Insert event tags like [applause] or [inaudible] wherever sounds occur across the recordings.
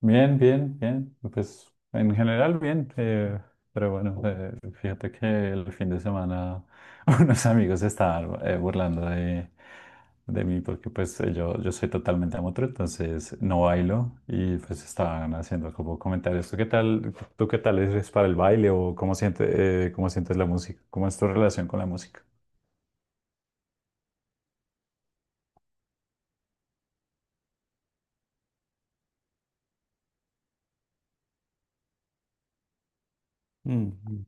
Bien, bien, bien. Pues en general bien, pero bueno, eh, fíjate que el fin de semana [laughs] unos amigos estaban burlando de mí porque pues yo soy totalmente amateur, entonces no bailo y pues estaban haciendo como comentarios. ¿Tú qué tal, tú qué tal eres para el baile o cómo sientes la música? ¿Cómo es tu relación con la música? Mm.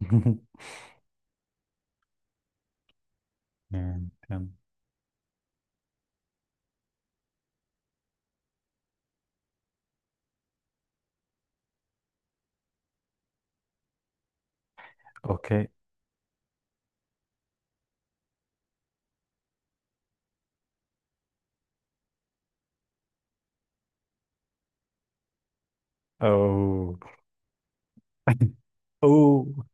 [laughs] Entiendo. Ok. Oh. [laughs] Oh.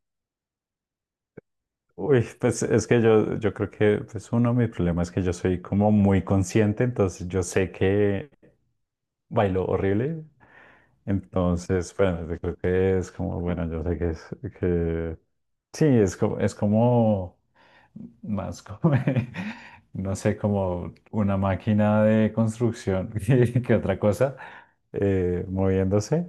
Uy, pues es que yo creo que pues uno de mis problemas es que yo soy como muy consciente, entonces yo sé que bailo horrible. Entonces bueno, yo creo que es como, bueno, yo sé que es que sí, es como más como, [laughs] no sé, como una máquina de construcción [laughs] que otra cosa moviéndose.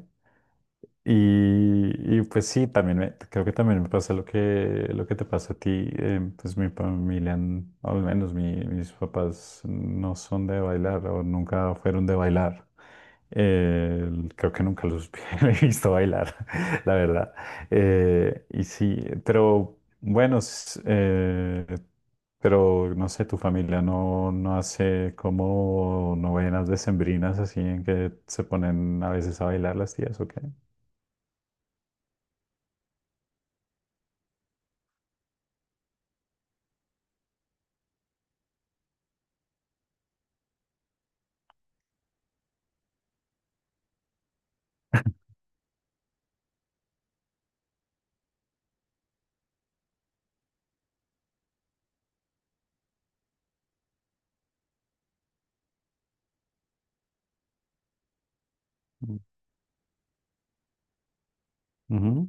Pues sí, también creo que también me pasa lo que te pasa a ti. Pues mi familia, al menos mis papás, no son de bailar o nunca fueron de bailar. Eh, Creo que nunca los [laughs] he visto bailar, [laughs] la verdad. Y sí, pero bueno, s- eh, pero no sé, tu familia no hace como novenas decembrinas así en que se ponen a veces a bailar las tías, ¿o qué? Ujú.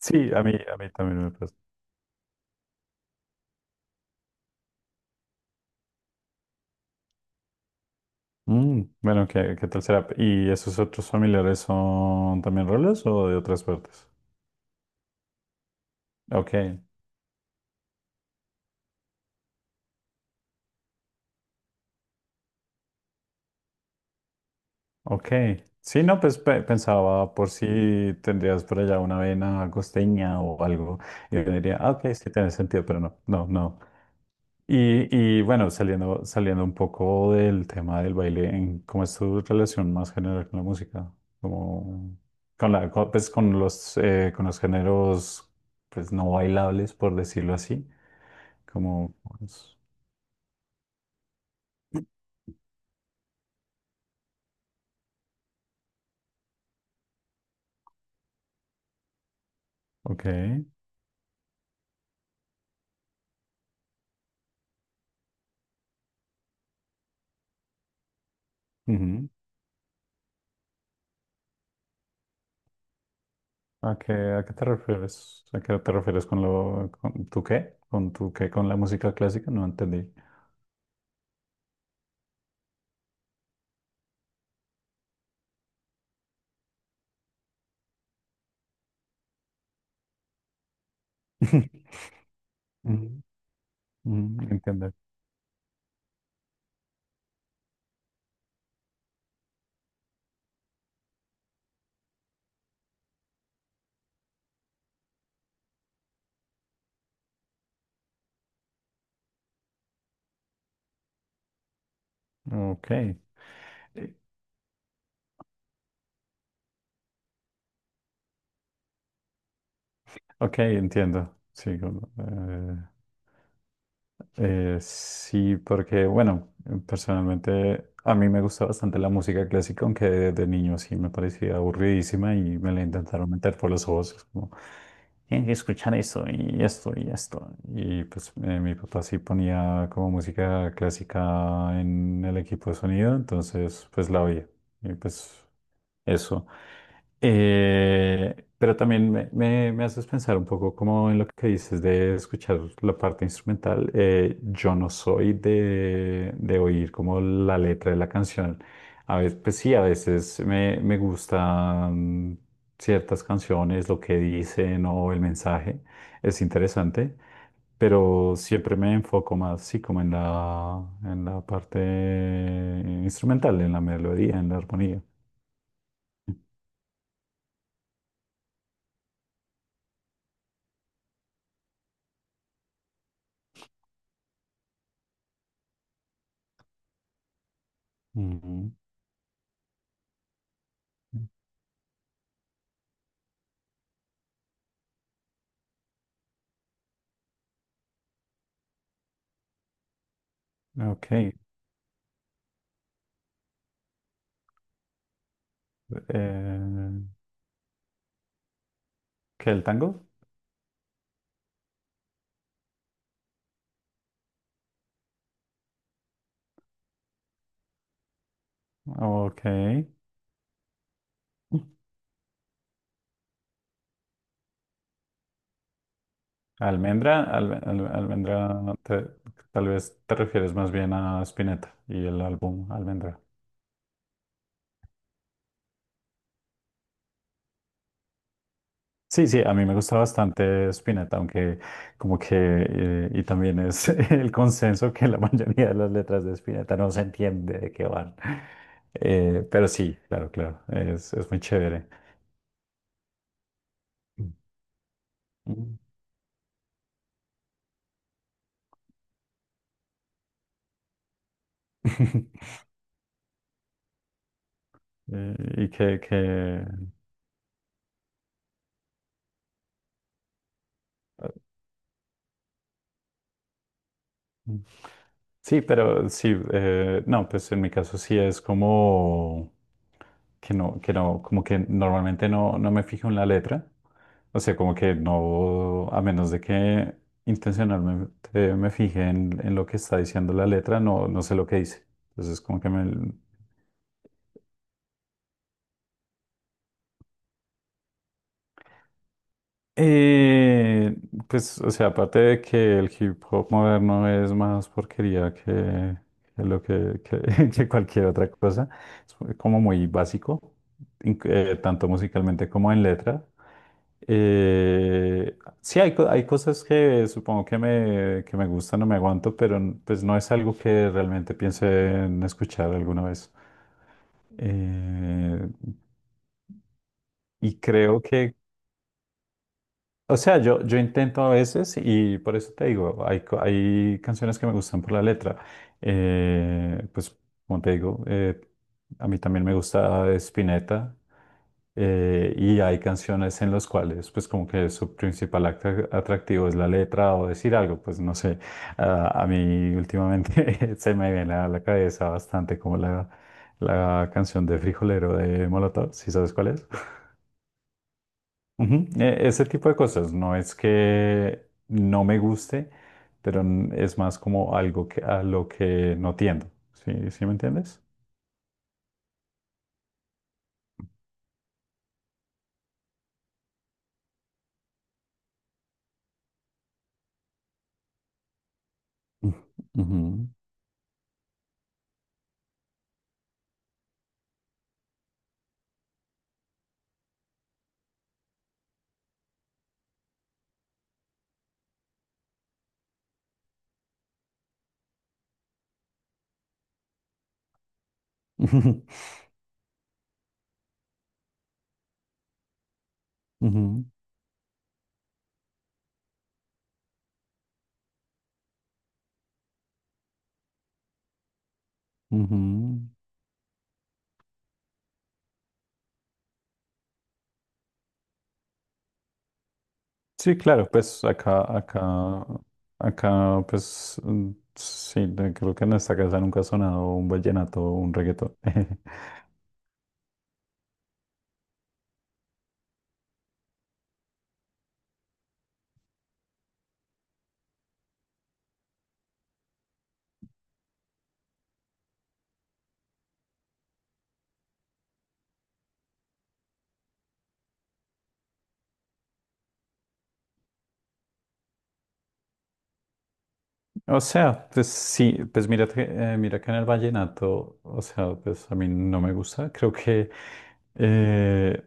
Sí, a mí también me pasa. Mm, bueno, ¿qué tal será? ¿Y esos otros familiares son también rolos o de otras partes? Ok, ok. Sí, no, pues pensaba por si tendrías por allá una vena costeña o algo. Y yo diría, ah, ok, sí tiene sentido, pero no, no, no. Y bueno, saliendo un poco del tema del baile, ¿cómo es tu relación más general con la música? Como con pues con con los géneros, pues no bailables, por decirlo así, como, pues, ok, ujú. ¿A qué te refieres? ¿A qué te refieres con tu qué? ¿Con tu qué? ¿Con la música clásica? No entendí. [laughs] Ujú, ujú. Entiendo. Ok. Eh. Ok, entiendo. Sí, como, sí, porque bueno, personalmente a mí me gusta bastante la música clásica, aunque de niño sí me parecía aburridísima y me la intentaron meter por los ojos. Es como, tienes que escuchar esto y esto y esto. Y pues mi papá sí ponía como música clásica en el equipo de sonido, entonces pues la oía. Y pues eso. Pero también me haces pensar un poco como en lo que dices de escuchar la parte instrumental. Yo no soy de oír como la letra de la canción. A veces, pues sí, a veces me gustan ciertas canciones, lo que dicen o el mensaje. Es interesante pero siempre me enfoco más, sí, como en en la parte instrumental, en la melodía, en la armonía. Ujú. Ok. Eh, ¿Qué el tango? Ok. Almendra, almendra, tal vez te refieres más bien a Spinetta y el álbum Almendra. Sí, sí, a mí me gusta bastante Spinetta, aunque como que, y también es [laughs] el consenso que la mayoría de las letras de Spinetta no se entiende de qué van. Pero sí, claro, claro, es muy chévere. Mm. [laughs] Eh, ¿Y que, Mm. Sí, pero sí, no, pues en mi caso sí es como que no, como que normalmente no, no me fijo en la letra. O sea, como que no, a menos de que intencionalmente me fije en lo que está diciendo la letra, no, no sé lo que dice. Entonces, como que me, Eh, pues, o sea, aparte de que el hip hop moderno es más porquería que lo que- [laughs] que cualquier otra cosa, es como muy básico, tanto musicalmente como en letra. Sí, hay, hay cosas que supongo que que me gustan o me aguanto, pero pues no es algo que realmente piense en escuchar alguna vez. Eh, y creo que O sea, yo intento a veces y por eso te digo, hay, hay canciones que me gustan por la letra. Pues, como te digo, a mí también me gusta Spinetta, y hay canciones en las cuales, pues, como que su principal atractivo es la letra o decir algo, pues, no sé. Ah, a mí últimamente [laughs] se me viene a la cabeza bastante como la canción de Frijolero de Molotov, ¿si sabes cuál es? Ujú, Ese tipo de cosas, no es que no me guste, pero es más como algo que, a lo que no tiendo. ¿Sí, sí me entiendes? Ujú, ujú, [laughs] ujú, ujú. Sí, claro, pues acá, acá, acá, pues mm, sí, creo que en esta casa nunca ha sonado un vallenato o un reggaetón. [laughs] O sea, pues sí, pues mira, mira que en el vallenato, o sea, pues a mí no me gusta, creo que... Eh,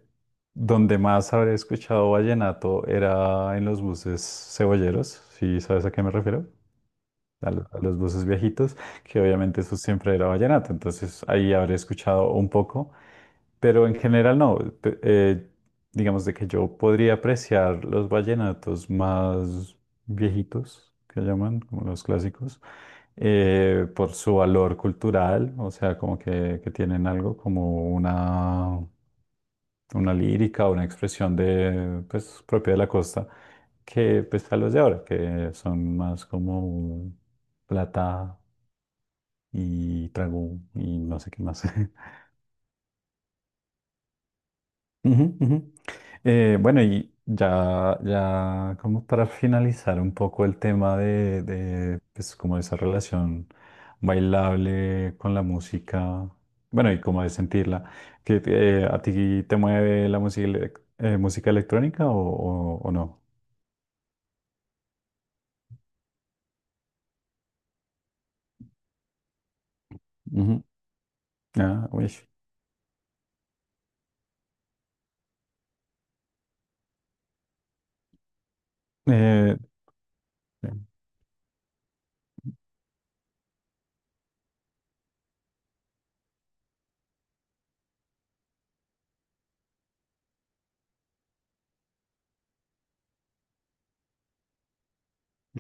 Donde más habré escuchado vallenato era en los buses cebolleros, si sabes a qué me refiero, a los buses viejitos, que obviamente eso siempre era vallenato, entonces ahí habré escuchado un poco, pero en general no, digamos de que yo podría apreciar los vallenatos más viejitos, que llaman, como los clásicos, por su valor cultural, o sea, como que tienen algo como una lírica, una expresión de, pues, propia de la costa, que pues a los de ahora, que son más como plata y trago y no sé qué más. [laughs] Ujú, ujú. Bueno, y ya, ya como para finalizar un poco el tema pues, como esa relación bailable con la música, bueno, y como de sentirla, que a ti te mueve la música, música electrónica o no? Ujú. Ah, uy. Eh,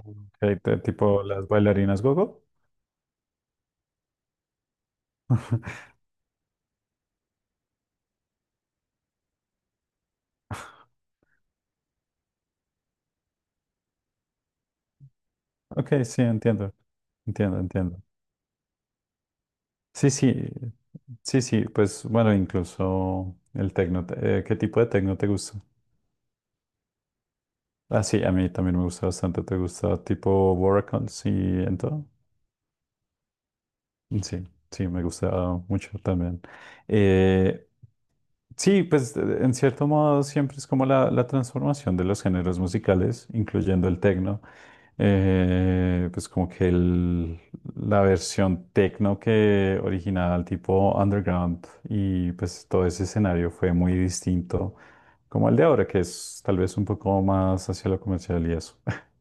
ok, tipo las bailarinas gogo. Ok, sí, entiendo. Entiendo, entiendo. Sí, sí, sí, sí. Pues bueno, incluso el tecno. ¿Qué tipo de tecno te gusta? Ah, sí, a mí también me gusta bastante. ¿Te gusta tipo Waracons y en todo? Sí, sí, me gusta mucho también. Eh, Sí, pues en cierto modo siempre es como la transformación de los géneros musicales, incluyendo el tecno. Pues como que la versión tecno que original tipo underground y pues todo ese escenario fue muy distinto como el de ahora, que es tal vez un poco más hacia lo comercial y eso. [laughs]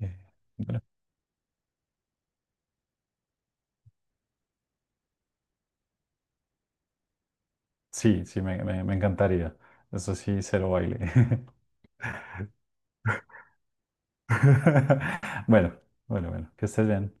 Eh, bueno, sí, sí, me encantaría. Eso sí, cero baile. [laughs] Bueno, bueno, bueno, que estés bien.